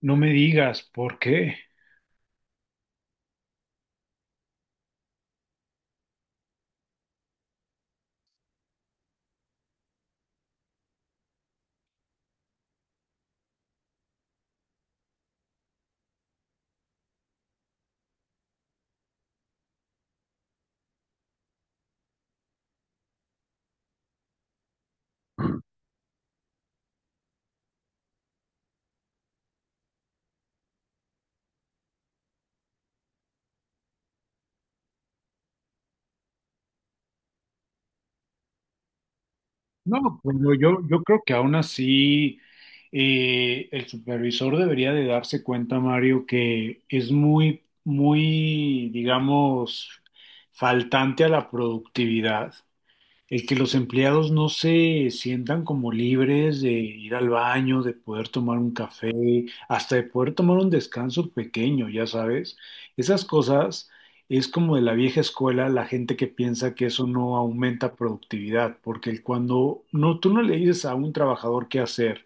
No me digas por qué. No, bueno, yo creo que aún así el supervisor debería de darse cuenta, Mario, que es muy, muy, digamos, faltante a la productividad. El que los empleados no se sientan como libres de ir al baño, de poder tomar un café, hasta de poder tomar un descanso pequeño, ya sabes. Esas cosas es como de la vieja escuela, la gente que piensa que eso no aumenta productividad, porque cuando no, tú no le dices a un trabajador qué hacer,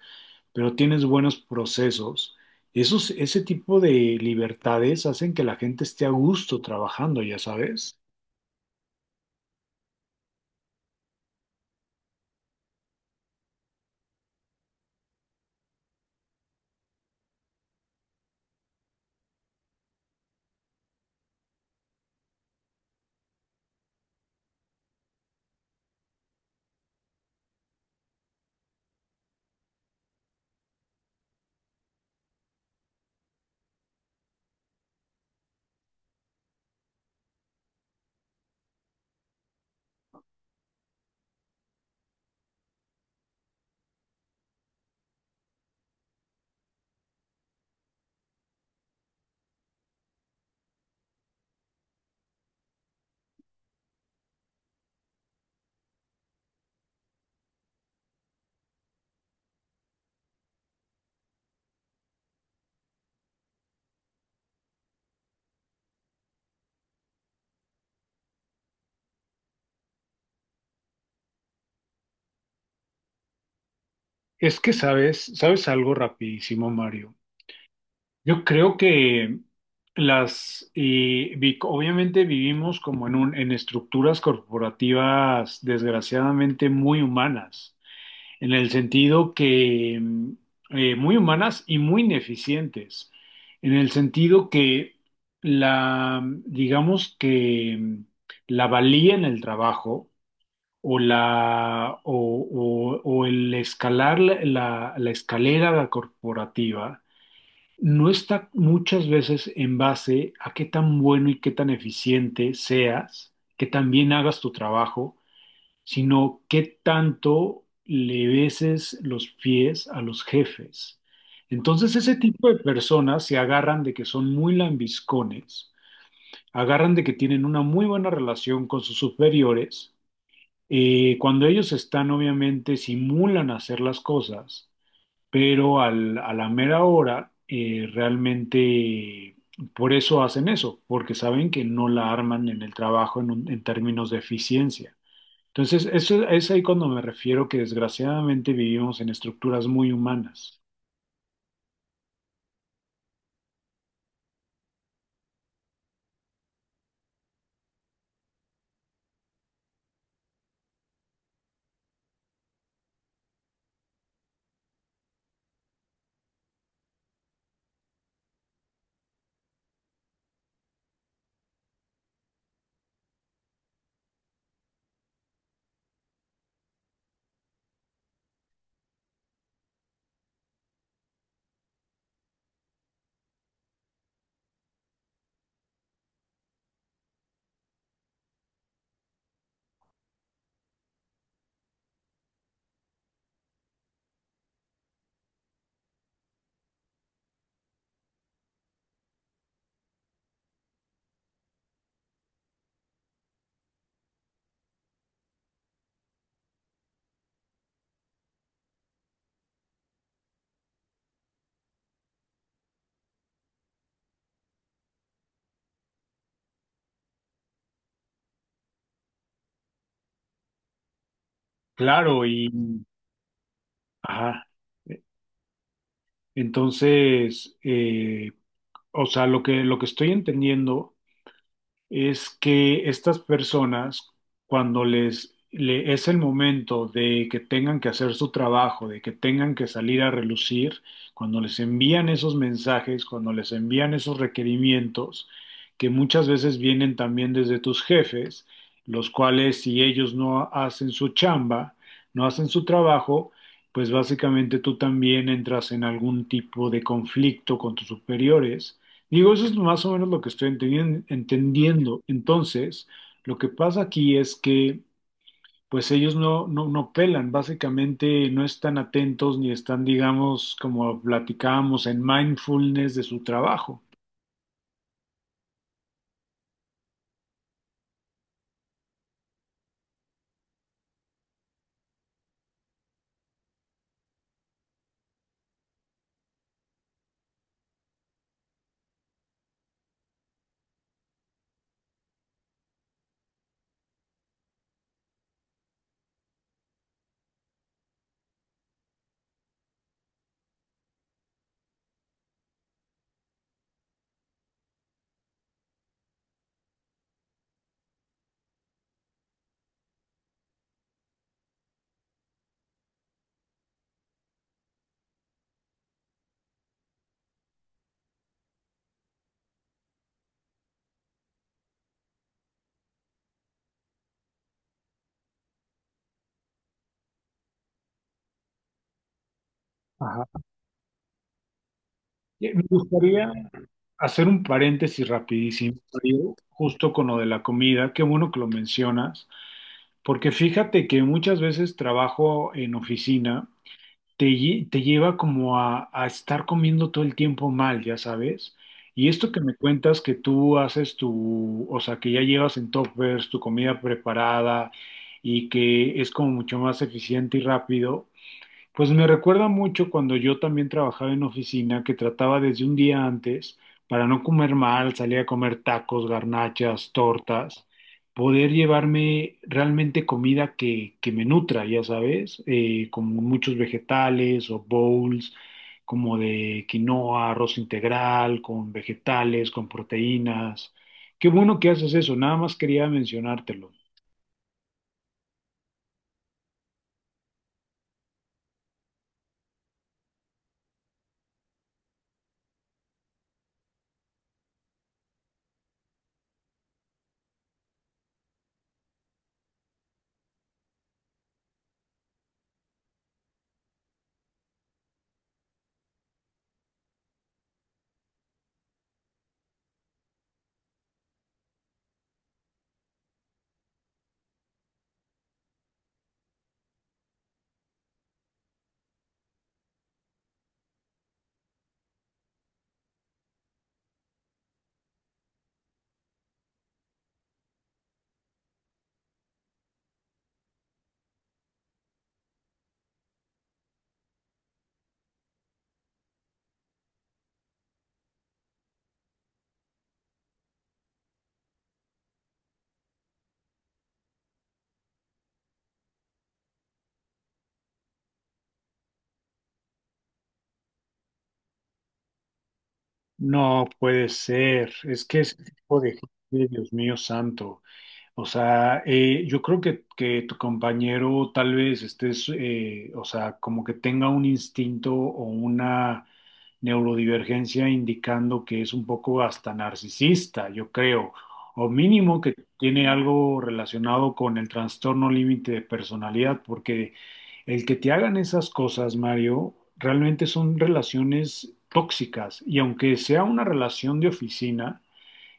pero tienes buenos procesos, ese tipo de libertades hacen que la gente esté a gusto trabajando, ya sabes. Es que sabes, sabes algo rapidísimo, Mario. Yo creo que obviamente vivimos como en estructuras corporativas desgraciadamente muy humanas, en el sentido que muy humanas y muy ineficientes, en el sentido que digamos que la valía en el trabajo o la, o, o el escalar la escalera corporativa no está muchas veces en base a qué tan bueno y qué tan eficiente seas, que también hagas tu trabajo, sino qué tanto le beses los pies a los jefes. Entonces ese tipo de personas se agarran de que son muy lambiscones, agarran de que tienen una muy buena relación con sus superiores. Cuando ellos están, obviamente, simulan hacer las cosas, pero a la mera hora realmente por eso hacen eso, porque saben que no la arman en el trabajo en términos de eficiencia. Entonces, eso es ahí cuando me refiero que desgraciadamente vivimos en estructuras muy humanas. Claro, y ajá. E, Entonces, o sea, lo que estoy entendiendo es que estas personas, cuando es el momento de que tengan que hacer su trabajo, de que tengan que salir a relucir, cuando les envían esos mensajes, cuando les envían esos requerimientos, que muchas veces vienen también desde tus jefes, los cuales si ellos no hacen su chamba, no hacen su trabajo, pues básicamente tú también entras en algún tipo de conflicto con tus superiores. Digo, eso es más o menos lo que estoy entendiendo. Entonces, lo que pasa aquí es que, pues ellos no pelan, básicamente no están atentos ni están, digamos, como platicábamos, en mindfulness de su trabajo. Ajá. Me gustaría hacer un paréntesis rapidísimo, Mario, justo con lo de la comida. Qué bueno que lo mencionas, porque fíjate que muchas veces trabajo en oficina. Te lleva como a estar comiendo todo el tiempo mal, ya sabes. Y esto que me cuentas que tú haces tu, o sea, que ya llevas en toppers tu comida preparada y que es como mucho más eficiente y rápido, pues me recuerda mucho cuando yo también trabajaba en oficina, que trataba desde un día antes, para no comer mal, salía a comer tacos, garnachas, tortas, poder llevarme realmente comida que me nutra, ya sabes, como muchos vegetales o bowls, como de quinoa, arroz integral, con vegetales, con proteínas. Qué bueno que haces eso, nada más quería mencionártelo. No puede ser, es que ese tipo de gente, Dios mío santo. O sea, yo creo que tu compañero tal vez estés, o sea, como que tenga un instinto o una neurodivergencia indicando que es un poco hasta narcisista, yo creo, o mínimo que tiene algo relacionado con el trastorno límite de personalidad, porque el que te hagan esas cosas, Mario, realmente son relaciones tóxicas y aunque sea una relación de oficina,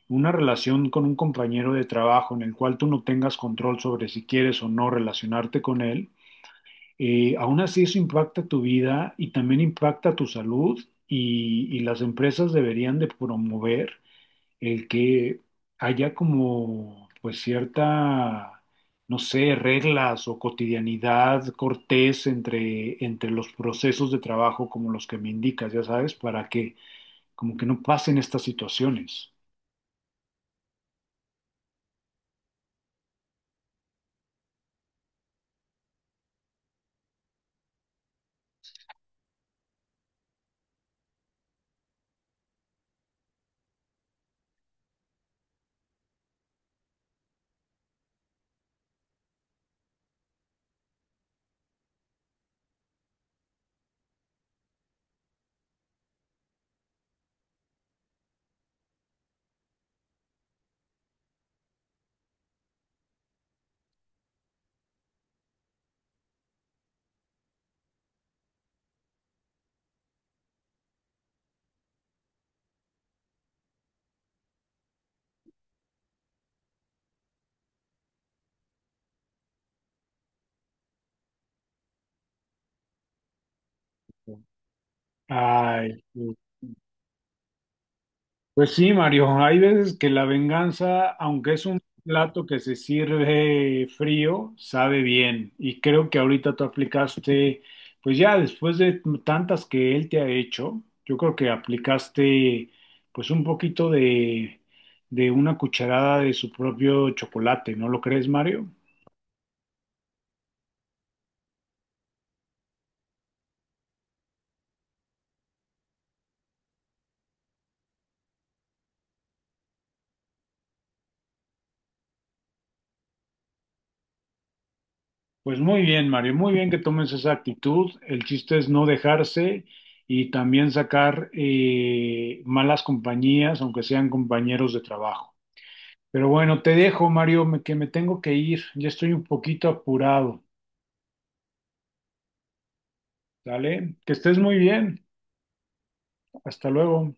una relación con un compañero de trabajo en el cual tú no tengas control sobre si quieres o no relacionarte con él, aún así eso impacta tu vida y también impacta tu salud y las empresas deberían de promover el que haya como pues cierta, no sé, reglas o cotidianidad cortés entre los procesos de trabajo como los que me indicas, ya sabes, para que como que no pasen estas situaciones. Ay, sí. Pues sí, Mario, hay veces que la venganza, aunque es un plato que se sirve frío, sabe bien. Y creo que ahorita tú aplicaste, pues ya después de tantas que él te ha hecho, yo creo que aplicaste pues un poquito de una cucharada de su propio chocolate, ¿no lo crees, Mario? Pues muy bien, Mario, muy bien que tomes esa actitud. El chiste es no dejarse y también sacar malas compañías, aunque sean compañeros de trabajo. Pero bueno, te dejo, Mario, que me tengo que ir. Ya estoy un poquito apurado. ¿Dale? Que estés muy bien. Hasta luego.